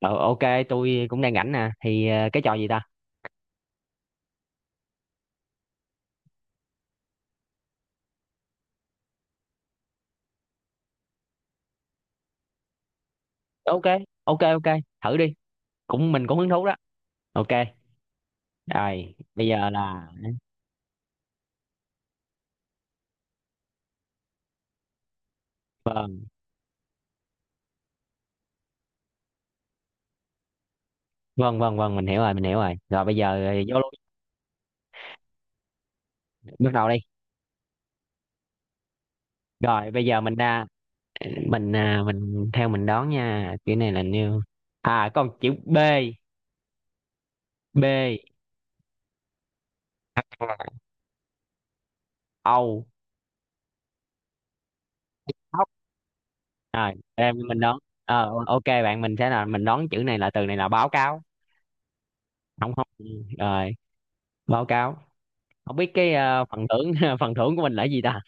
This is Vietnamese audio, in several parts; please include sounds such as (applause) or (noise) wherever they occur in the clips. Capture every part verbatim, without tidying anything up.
Ờ ok, tôi cũng đang rảnh nè. Thì ờ, cái trò gì ta? Ok, ok, ok, thử đi. Cũng mình cũng hứng thú đó. Ok. Rồi, bây giờ là vâng, vâng, vâng, vâng, mình hiểu rồi, mình hiểu rồi. Rồi bây giờ ờ, vô luôn, bắt đầu đi. Rồi bây giờ mình ra mình à, mình theo mình đoán nha. Chữ này là new. À, con chữ B, B. Âu. Ốc. Rồi, em mình đoán. Ờ ok bạn, mình sẽ là mình đoán chữ này là từ này là báo cáo. Không, không. Rồi, báo cáo. Không biết cái ờ, phần thưởng (laughs) phần thưởng của mình là gì ta.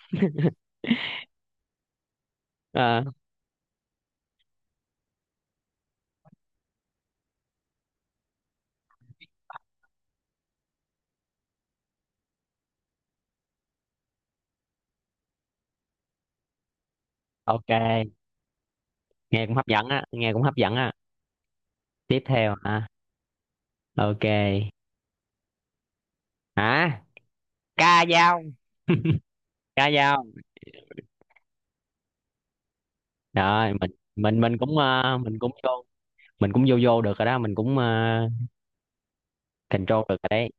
Ờ, ok, nghe cũng hấp dẫn á, nghe cũng hấp dẫn á. Tiếp theo hả? Ok, hả, ca dao, ca dao. Rồi mình mình mình cũng ờ, mình cũng vô, mình cũng vô, vô được rồi đó, mình cũng ờ, control được rồi đấy.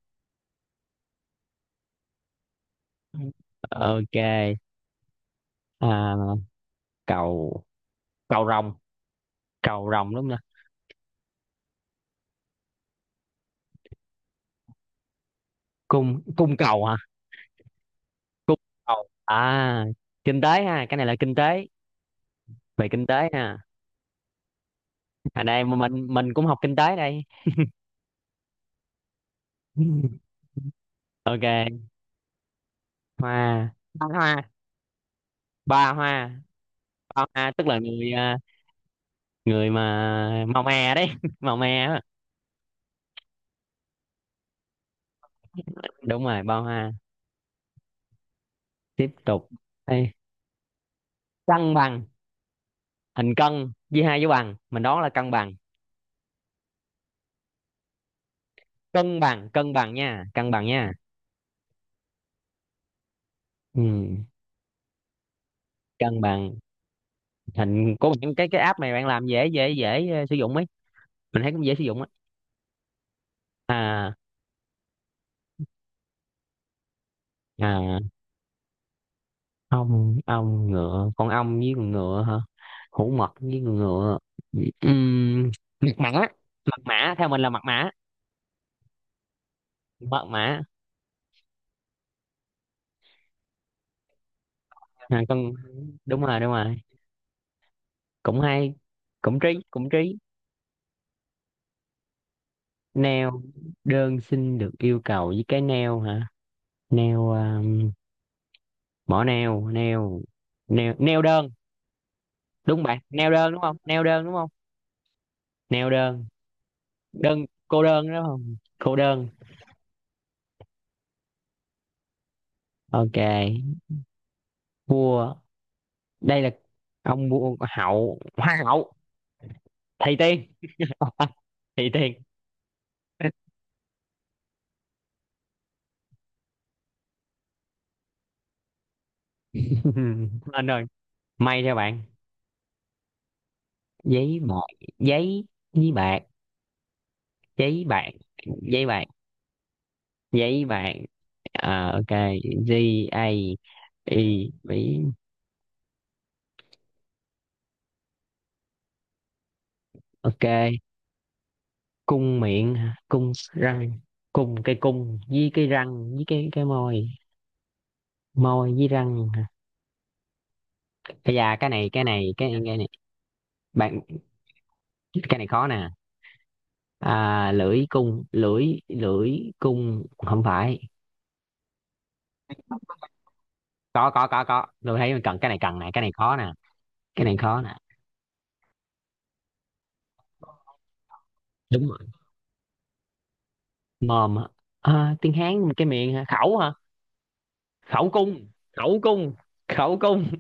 Ok. À, cầu, cầu rồng, cầu rồng đúng không? Cung cung cầu hả? Cung cầu. À, kinh tế ha, cái này là kinh tế, về kinh tế ha. Ở đây mà mình mình cũng học kinh tế đây. (laughs) Ok. Hoa. Ba hoa. Ba hoa. Ba hoa tức là người à, người mà màu mè đấy, (laughs) màu mè á. Đúng rồi, ba hoa. Tiếp tục. Đây. Cân bằng. Hình cân chia hai dấu bằng, mình đoán là cân bằng. Cân bằng, cân bằng nha, cân bằng nha. Ừ. Cân bằng. Hình của những cái cái app này bạn làm dễ dễ dễ ờ, sử dụng ấy, mình thấy cũng dễ sử dụng ấy. À. À, ong, ong ngựa, con ong với con ngựa hả? Hổ mật với con ngựa. Ừm, mật mã. Mật mã, theo mình là mật mã. Mật mã. À, con, đúng rồi, đúng rồi. Cũng hay. Cũng trí, cũng trí. Neo, đơn xin được yêu cầu với cái neo hả? Neo um, mỏ neo, neo, neo, neo đơn. Đúng bạn, neo đơn đúng không, neo đơn đúng không? Neo đơn. Đơn, cô đơn đúng không, cô đơn. Ok. Vua. Đây là ông vua, hậu, hoa hậu. Thầy tiên. (laughs) Thầy tiên. (laughs) Anh ơi, may cho bạn. Giấy bạc. Giấy với bạc. Giấy bạc, giấy bạc, giấy bạc. Ờ, ok. G, A, I, Mỹ. Ok. Cung miệng, cung răng, cung, cái cung với cái răng với cái cái môi, môi với răng. Ây da, cái này, cái này, cái cái này, bạn, cái này khó nè. À, lưỡi cung, lưỡi lưỡi cung không phải. có có có có tôi thấy mình cần, cái này cần này, cái này khó nè, cái này khó nè. Đúng rồi. Mồm hả? À, tiếng Hán cái miệng hả, khẩu hả? Khẩu cung, khẩu cung, khẩu cung.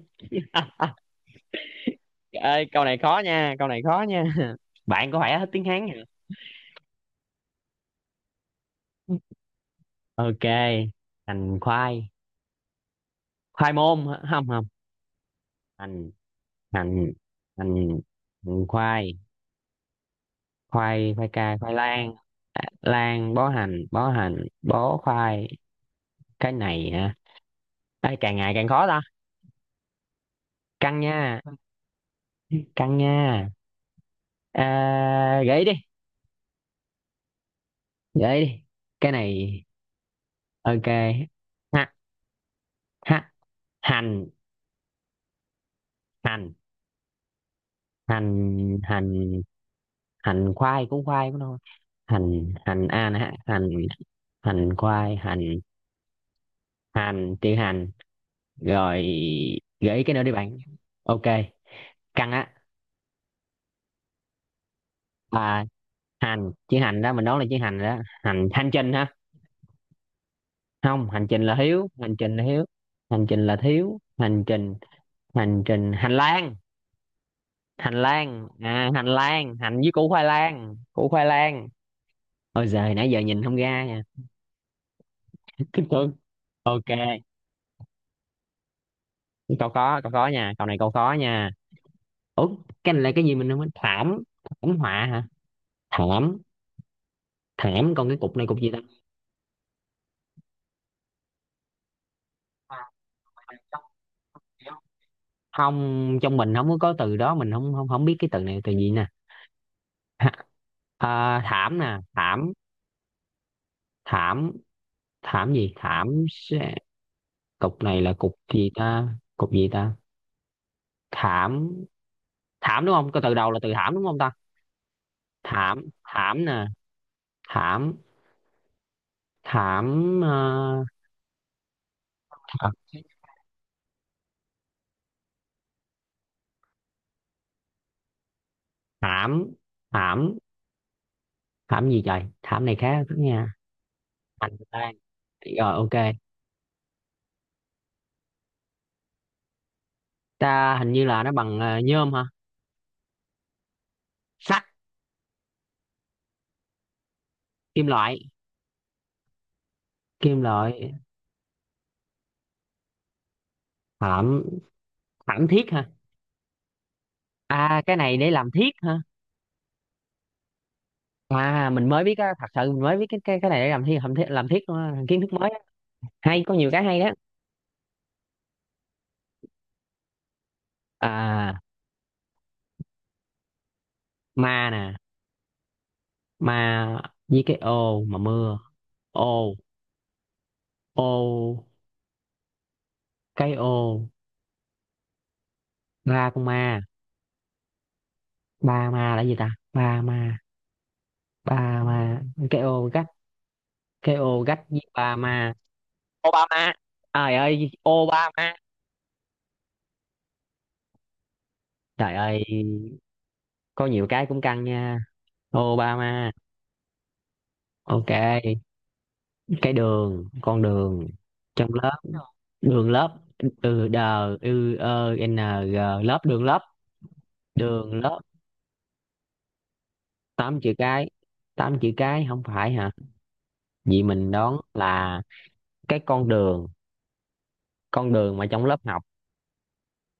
Ơi câu này khó nha, câu này khó nha. (laughs) Bạn có phải hết tiếng Hán hả? Ok. Hành khoai, khoai môn hả? Không, không, hành, hành, hành, hành khoai, khoai, khoai cà, khoai lang. À, lang, bó hành, bó hành, bó khoai. Cái này hả? Ê, càng ngày càng khó ta. Căng nha, căng nha. À, gãy đi, gãy đi, cái này. Ok. Ha, ha, hành, hành, hành, hành, hành khoai cũng, khoai cũng thôi. Hành, hành a nè ha. Hành, hành khoai, hành, hành chữ hành, rồi. Gãy cái nữa đi bạn. Ok. Căng á. À, hành chữ hành đó, mình đoán là chữ hành đó. Hành, hành trình hả? Không, hành trình là hiếu, hành trình là hiếu, hành trình là thiếu, hành trình, hành trình, hành lang, hành lang. À, hành lang, hành với củ khoai lang, củ khoai lang. Ôi giời, nãy giờ nhìn không ra nha. (laughs) Thương. Ok. Câu có, câu có nha, câu này câu có nha. Ủa. Cái này là cái gì mình không biết, thảm, thảm họa hả, thảm. Thảm còn cái cục này, cục gì ta? Không, trong mình không có có từ đó, mình không, không, không biết cái từ này từ gì nè. (laughs) À, thảm nè, thảm, thảm, thảm gì, thảm sẽ-, cục này là cục gì ta, cục gì ta, thảm, thảm đúng không, cái từ đầu là từ thảm đúng không ta? Thảm, thảm nè, thảm, thảm ờ, thảm, thảm, thảm, thảm gì trời, thảm này khá lắm nha. Hành lang. Rồi, ok. Ta hình như là nó bằng ờ, nhôm hả? Sắt, kim loại, kim loại. Thảm, thảm thiết ha. À cái này để làm thiết ha. À, mình mới biết á, thật sự mình mới biết cái cái cái này để làm thiết, làm thiết, làm thiết luôn á, kiến thức mới á. Hay, có nhiều cái hay đó. À, ma nè, ma với cái ô mà mưa. Ô, ô, cái ô. Ba con ma. Ba ma là gì ta, ba ma, ba ma, cái ô gách, cái ô gách với ba ma. Obama, trời ơi Obama. Trời ơi, có nhiều cái cũng căng nha. Obama. Ok, cái đường, con đường, trong lớp, đường lớp, từ đờ ư ơ n g, lớp, đường lớp, đường lớp. Tám chữ cái, tám chữ cái không phải hả? Vì mình đoán là cái con đường, con đường mà trong lớp học,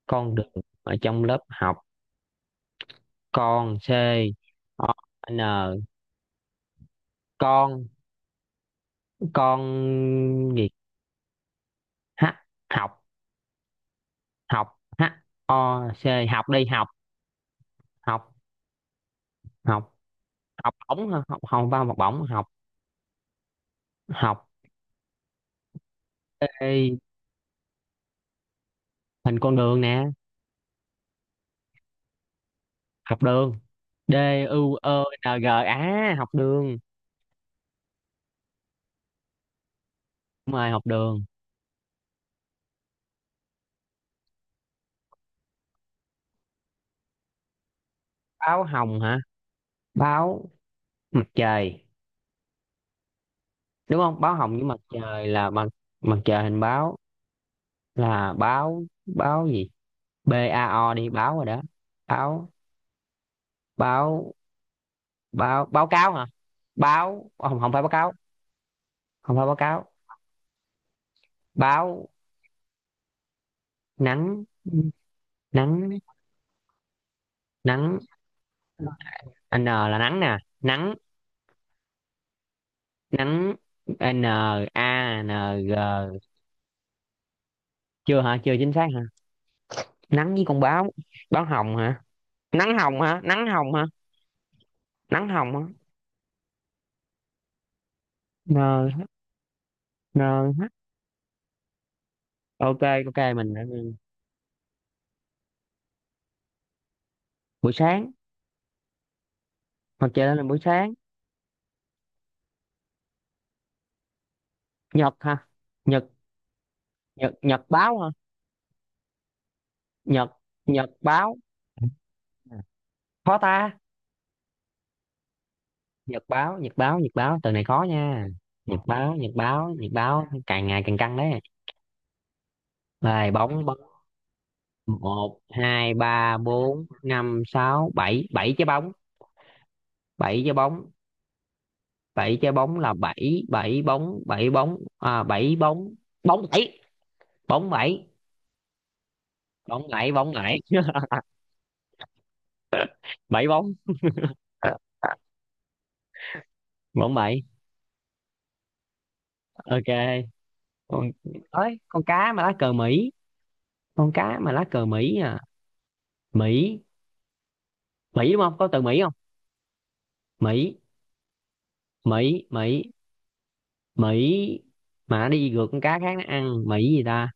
con đường ở trong lớp học, con, c, o, n, con con gì, h, học, học, h, o, c, học đi học, học, học, học bổng hả? Học, không vào học bổng, học, học. Ê, hình con đường nè. Học đường, D, U, ơ, N, G á, học đường. Đúng rồi, học đường. Báo hồng hả, báo, mặt trời đúng không, báo hồng với mặt trời là mặt, mặt trời, hình báo, là báo, báo gì, B A O đi báo rồi đó, báo, báo, báo, báo cáo hả, báo, không, không phải báo cáo, không phải báo cáo, báo, nắng, nắng, nắng, N là nắng nè, nắng, nắng. À, n, a, n, g, chưa hả, chưa chính xác hả? Nắng với con báo, báo hồng hả, nắng hồng hả, nắng hồng hả, nắng hồng hả. N, n, ok. Ok mình đã-. Buổi sáng, mặt trời lên là buổi sáng. Nhật hả, nhật, nhật, nhật báo hả, nhật, nhật báo, khó ta, nhật báo, nhật báo, nhật báo, từ này khó nha, nhật báo, nhật báo, nhật báo, càng ngày càng căng đấy. Rồi, bóng, một hai ba bốn năm sáu bảy, bảy trái bóng, bảy trái bóng, bảy trái bóng là bảy, bảy bóng, bảy bóng à, bảy bóng, bóng bảy, bóng bảy, bóng bảy, bóng bảy. (laughs) Bảy bóng, bóng bảy. Ok. Con, ơi con cá mà lá cờ Mỹ, con cá mà lá cờ Mỹ à, Mỹ, Mỹ đúng không, có từ Mỹ không, Mỹ, Mỹ, Mỹ, Mỹ, mà nó đi ngược con cá khác nó ăn, Mỹ gì ta,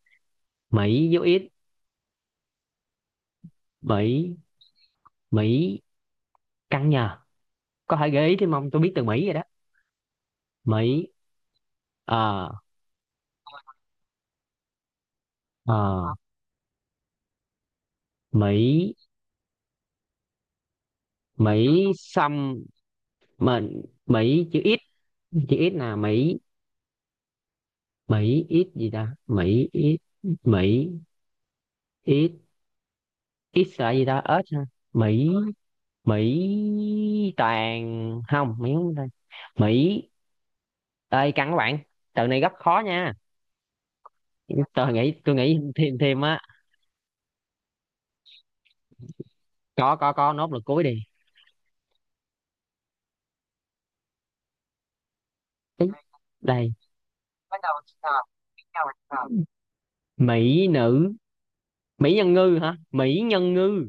Mỹ dấu ít, Mỹ, Mỹ, căng nhờ, có thể gợi ý thêm không, tôi biết từ Mỹ rồi đó. Mỹ. Ờ, ờ, Mỹ, Mỹ xăm, mình Mỹ chữ ít, chữ ít là Mỹ, Mỹ ít gì ta, Mỹ ít, Mỹ, ít, ít là gì ta, ớt ha, Mỹ, Mỹ toàn không Mỹ không ta. Mỹ, ơi căng các bạn, từ này rất khó nha, tôi nghĩ, tôi nghĩ thêm, thêm á. có có có nốt lực cuối đi. Ý, đây. Mỹ nữ, Mỹ nhân ngư hả, Mỹ nhân ngư,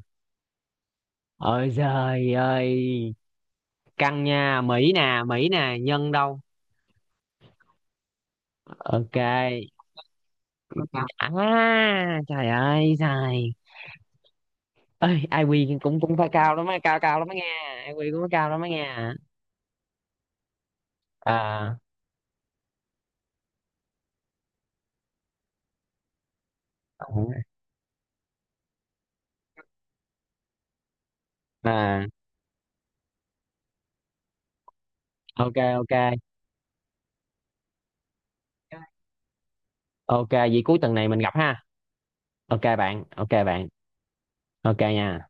ôi giời ơi, căng nha, Mỹ nè, Mỹ nè, nhân đâu. Ok. À, trời ơi, trời ơi ai kiu cũng cũng phải cao lắm á, cao cao lắm á nghe. Ai IQ cũng phải cao lắm á nghe à. À ok, ok, ok, vậy cuối tuần này mình gặp ha, ok bạn, ok bạn, ok nha.